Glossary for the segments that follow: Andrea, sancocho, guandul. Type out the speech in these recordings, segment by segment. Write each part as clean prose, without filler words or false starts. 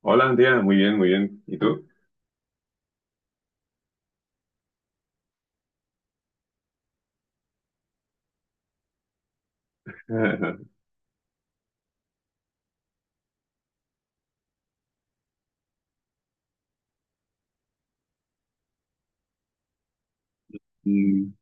Hola, Andrea, muy bien, muy bien. ¿Y tú? Mm,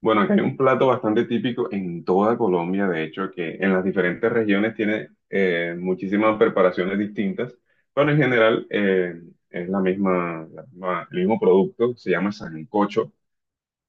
bueno, acá hay un plato bastante típico en toda Colombia, de hecho, que en las diferentes regiones tiene muchísimas preparaciones distintas, pero en general es el mismo producto, se llama sancocho.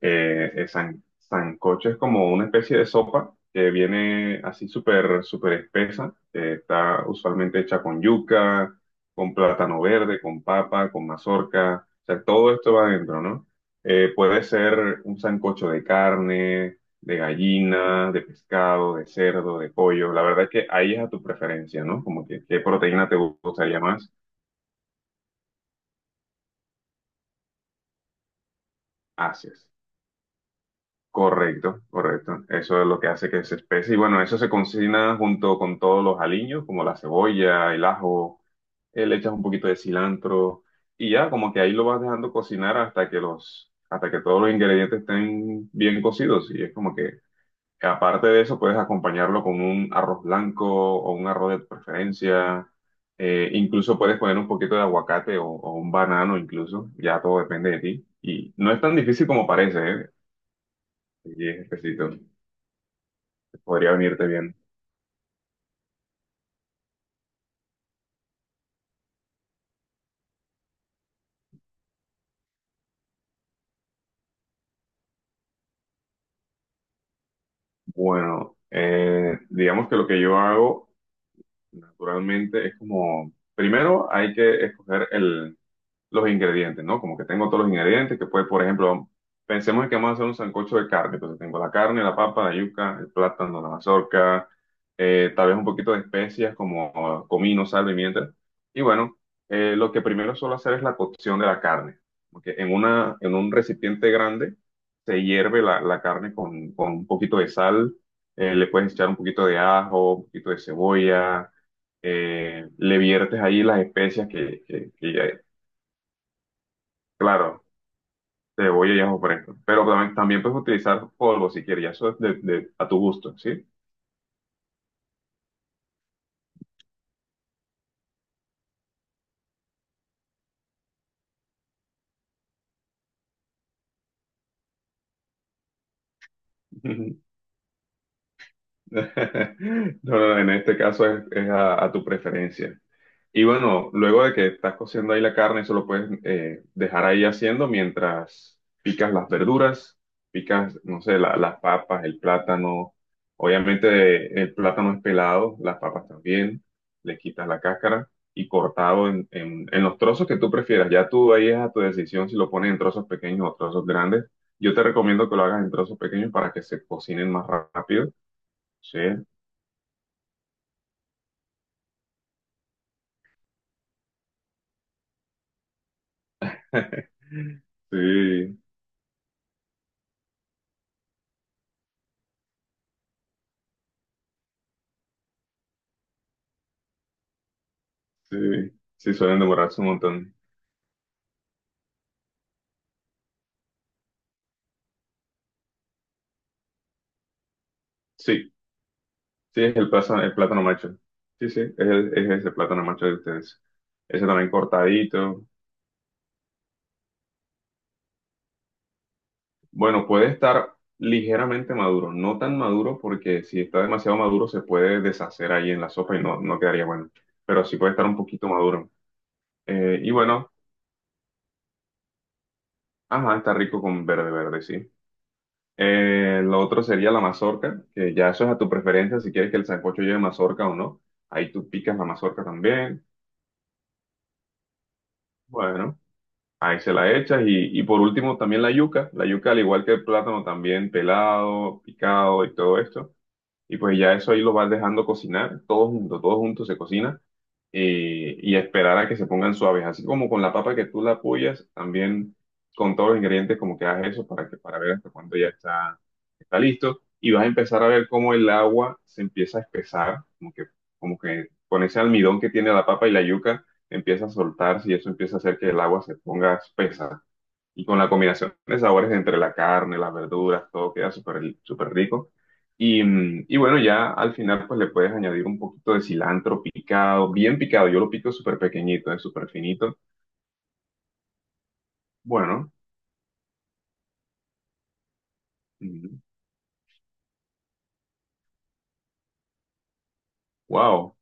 El sancocho es como una especie de sopa que viene así súper, súper espesa. Está usualmente hecha con yuca, con plátano verde, con papa, con mazorca. O sea, todo esto va adentro, ¿no? Puede ser un sancocho de carne, de gallina, de pescado, de cerdo, de pollo. La verdad es que ahí es a tu preferencia, ¿no? Como que qué proteína te gustaría más, haces. Correcto, correcto. Eso es lo que hace que se espese. Y bueno, eso se cocina junto con todos los aliños, como la cebolla, el ajo, le echas un poquito de cilantro y ya, como que ahí lo vas dejando cocinar hasta que todos los ingredientes estén bien cocidos. Y es como que, aparte de eso, puedes acompañarlo con un arroz blanco o un arroz de tu preferencia. Incluso puedes poner un poquito de aguacate o un banano, incluso. Ya todo depende de ti. Y no es tan difícil como parece, ¿eh? Y es exquisito. Podría venirte bien. Bueno, digamos que lo que yo hago naturalmente es como, primero hay que escoger los ingredientes, ¿no? Como que tengo todos los ingredientes, que puede, por ejemplo, pensemos en que vamos a hacer un sancocho de carne, entonces tengo la carne, la papa, la yuca, el plátano, la mazorca, tal vez un poquito de especias como comino, sal, pimienta. Y bueno, lo que primero suelo hacer es la cocción de la carne, porque en un recipiente grande se hierve la carne con un poquito de sal, le puedes echar un poquito de ajo, un poquito de cebolla, le viertes ahí las especias que... Claro, cebolla y ajo fresco. Pero también, también puedes utilizar polvo si quieres, ya eso es a tu gusto, ¿sí? No, no, en este caso es a tu preferencia. Y bueno, luego de que estás cociendo ahí la carne, eso lo puedes dejar ahí haciendo mientras picas las verduras, picas, no sé, las papas, el plátano. Obviamente el plátano es pelado, las papas también. Le quitas la cáscara y cortado en los trozos que tú prefieras. Ya tú ahí es a tu decisión si lo pones en trozos pequeños o trozos grandes. Yo te recomiendo que lo hagas en trozos pequeños para que se cocinen más rápido. Sí, sí, sí. Sí, suelen demorarse un montón. Sí. Sí, es el plátano macho. Sí, sí, es, es ese plátano macho de ustedes. Ese también cortadito. Bueno, puede estar ligeramente maduro, no tan maduro porque si está demasiado maduro se puede deshacer ahí en la sopa y no, no quedaría bueno. Pero sí puede estar un poquito maduro. Y bueno, ajá, está rico con verde verde, sí. Lo otro sería la mazorca, que ya eso es a tu preferencia, si quieres que el sancocho lleve mazorca o no. Ahí tú picas la mazorca también. Bueno. Ahí se la echas y por último también la yuca al igual que el plátano también pelado, picado y todo esto y pues ya eso ahí lo vas dejando cocinar, todo junto se cocina y esperar a que se pongan suaves, así como con la papa que tú la apoyas, también con todos los ingredientes como que hagas eso para que para ver hasta cuándo ya está, está listo y vas a empezar a ver cómo el agua se empieza a espesar, como que con ese almidón que tiene la papa y la yuca empieza a soltarse y eso empieza a hacer que el agua se ponga espesa. Y con la combinación de sabores entre la carne, las verduras, todo queda súper súper rico. Y, y bueno, ya al final pues le puedes añadir un poquito de cilantro picado, bien picado. Yo lo pico súper pequeñito, súper finito. Bueno, wow.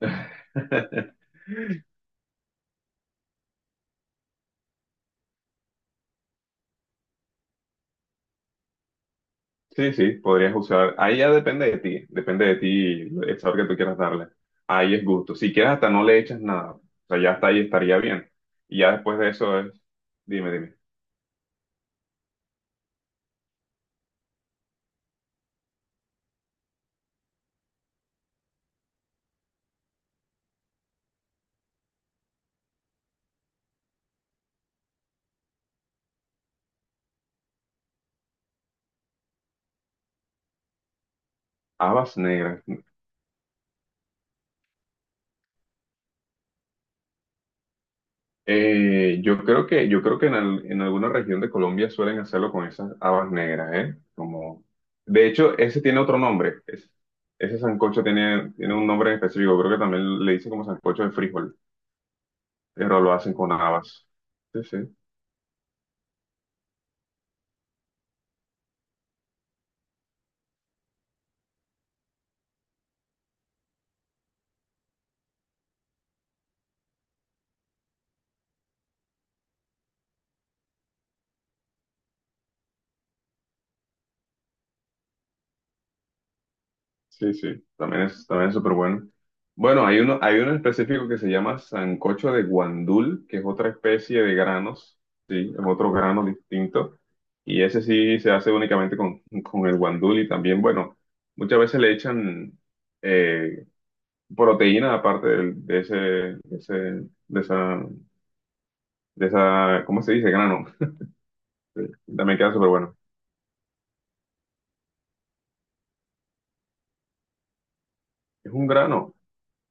Sí, sí, podrías usar. Ahí ya depende de ti el sabor que tú quieras darle. Ahí es gusto. Si quieres hasta no le echas nada. O sea, ya hasta ahí estaría bien. Y ya después de eso es, dime, dime. Habas negras. Yo creo que, yo creo que en alguna región de Colombia suelen hacerlo con esas habas negras, ¿eh? Como, de hecho, ese tiene otro nombre. Ese sancocho tiene, tiene un nombre en específico. Creo que también le dicen como sancocho de frijol, pero lo hacen con habas. Sí, sí. Sí, sí, también es súper bueno. Bueno, hay uno en específico que se llama sancocho de guandul, que es otra especie de granos, sí, es otro grano distinto. Y ese sí se hace únicamente con el guandul y también, bueno, muchas veces le echan eh, proteína de, ese, de ese, de esa, de esa, ¿cómo se dice? Grano. También queda súper bueno. Es un grano,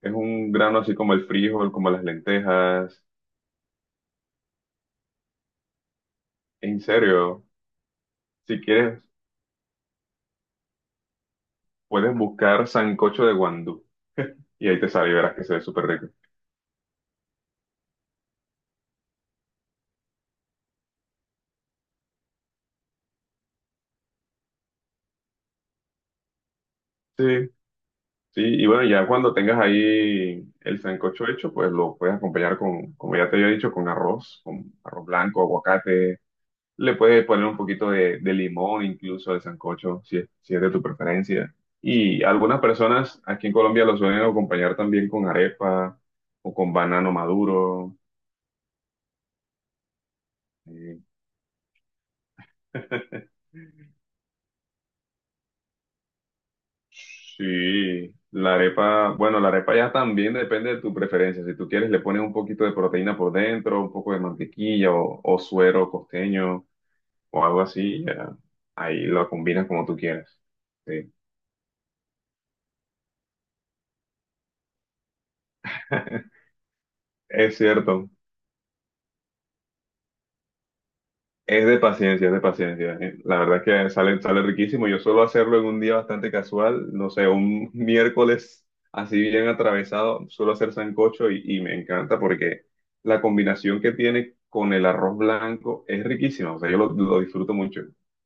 es un grano así como el frijol, como las lentejas. En serio, si quieres puedes buscar sancocho de guandú y ahí te sale y verás que se ve súper rico. Sí, sí, y bueno, ya cuando tengas ahí el sancocho hecho, pues lo puedes acompañar con, como ya te había dicho, con arroz blanco, aguacate. Le puedes poner un poquito de limón incluso al sancocho, si es, si es de tu preferencia. Y algunas personas aquí en Colombia lo suelen acompañar también con arepa o con banano maduro. eh, Sí, la arepa, bueno, la arepa ya también depende de tu preferencia. Si tú quieres, le pones un poquito de proteína por dentro, un poco de mantequilla o suero costeño o algo así. Ya. Ahí lo combinas como tú quieras. Sí, es cierto. Es de paciencia, es de paciencia. La verdad es que sale, sale riquísimo. Yo suelo hacerlo en un día bastante casual, no sé, un miércoles así bien atravesado, suelo hacer sancocho y me encanta porque la combinación que tiene con el arroz blanco es riquísima. O sea, yo lo disfruto mucho.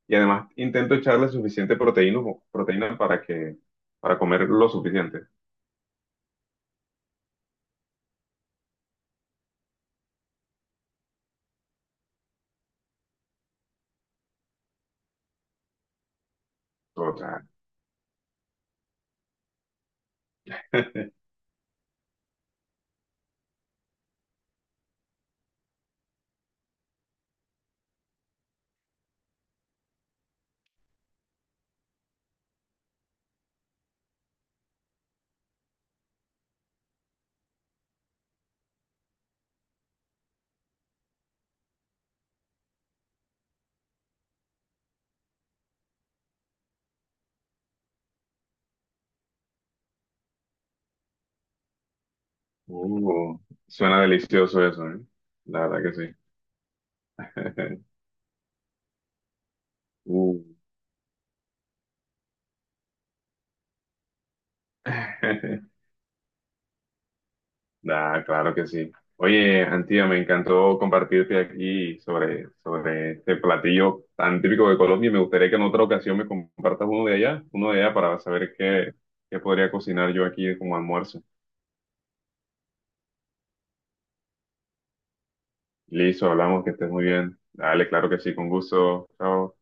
Y además intento echarle suficiente proteína, proteína para que, para comer lo suficiente. O sea, uh, suena delicioso eso, ¿eh? La verdad que sí. Uh. Ah, claro que sí. Oye, Antía, me encantó compartirte aquí sobre, sobre este platillo tan típico de Colombia y me gustaría que en otra ocasión me compartas uno de allá para saber qué, qué podría cocinar yo aquí como almuerzo. Listo, hablamos, que estés muy bien. Dale, claro que sí, con gusto. Chao.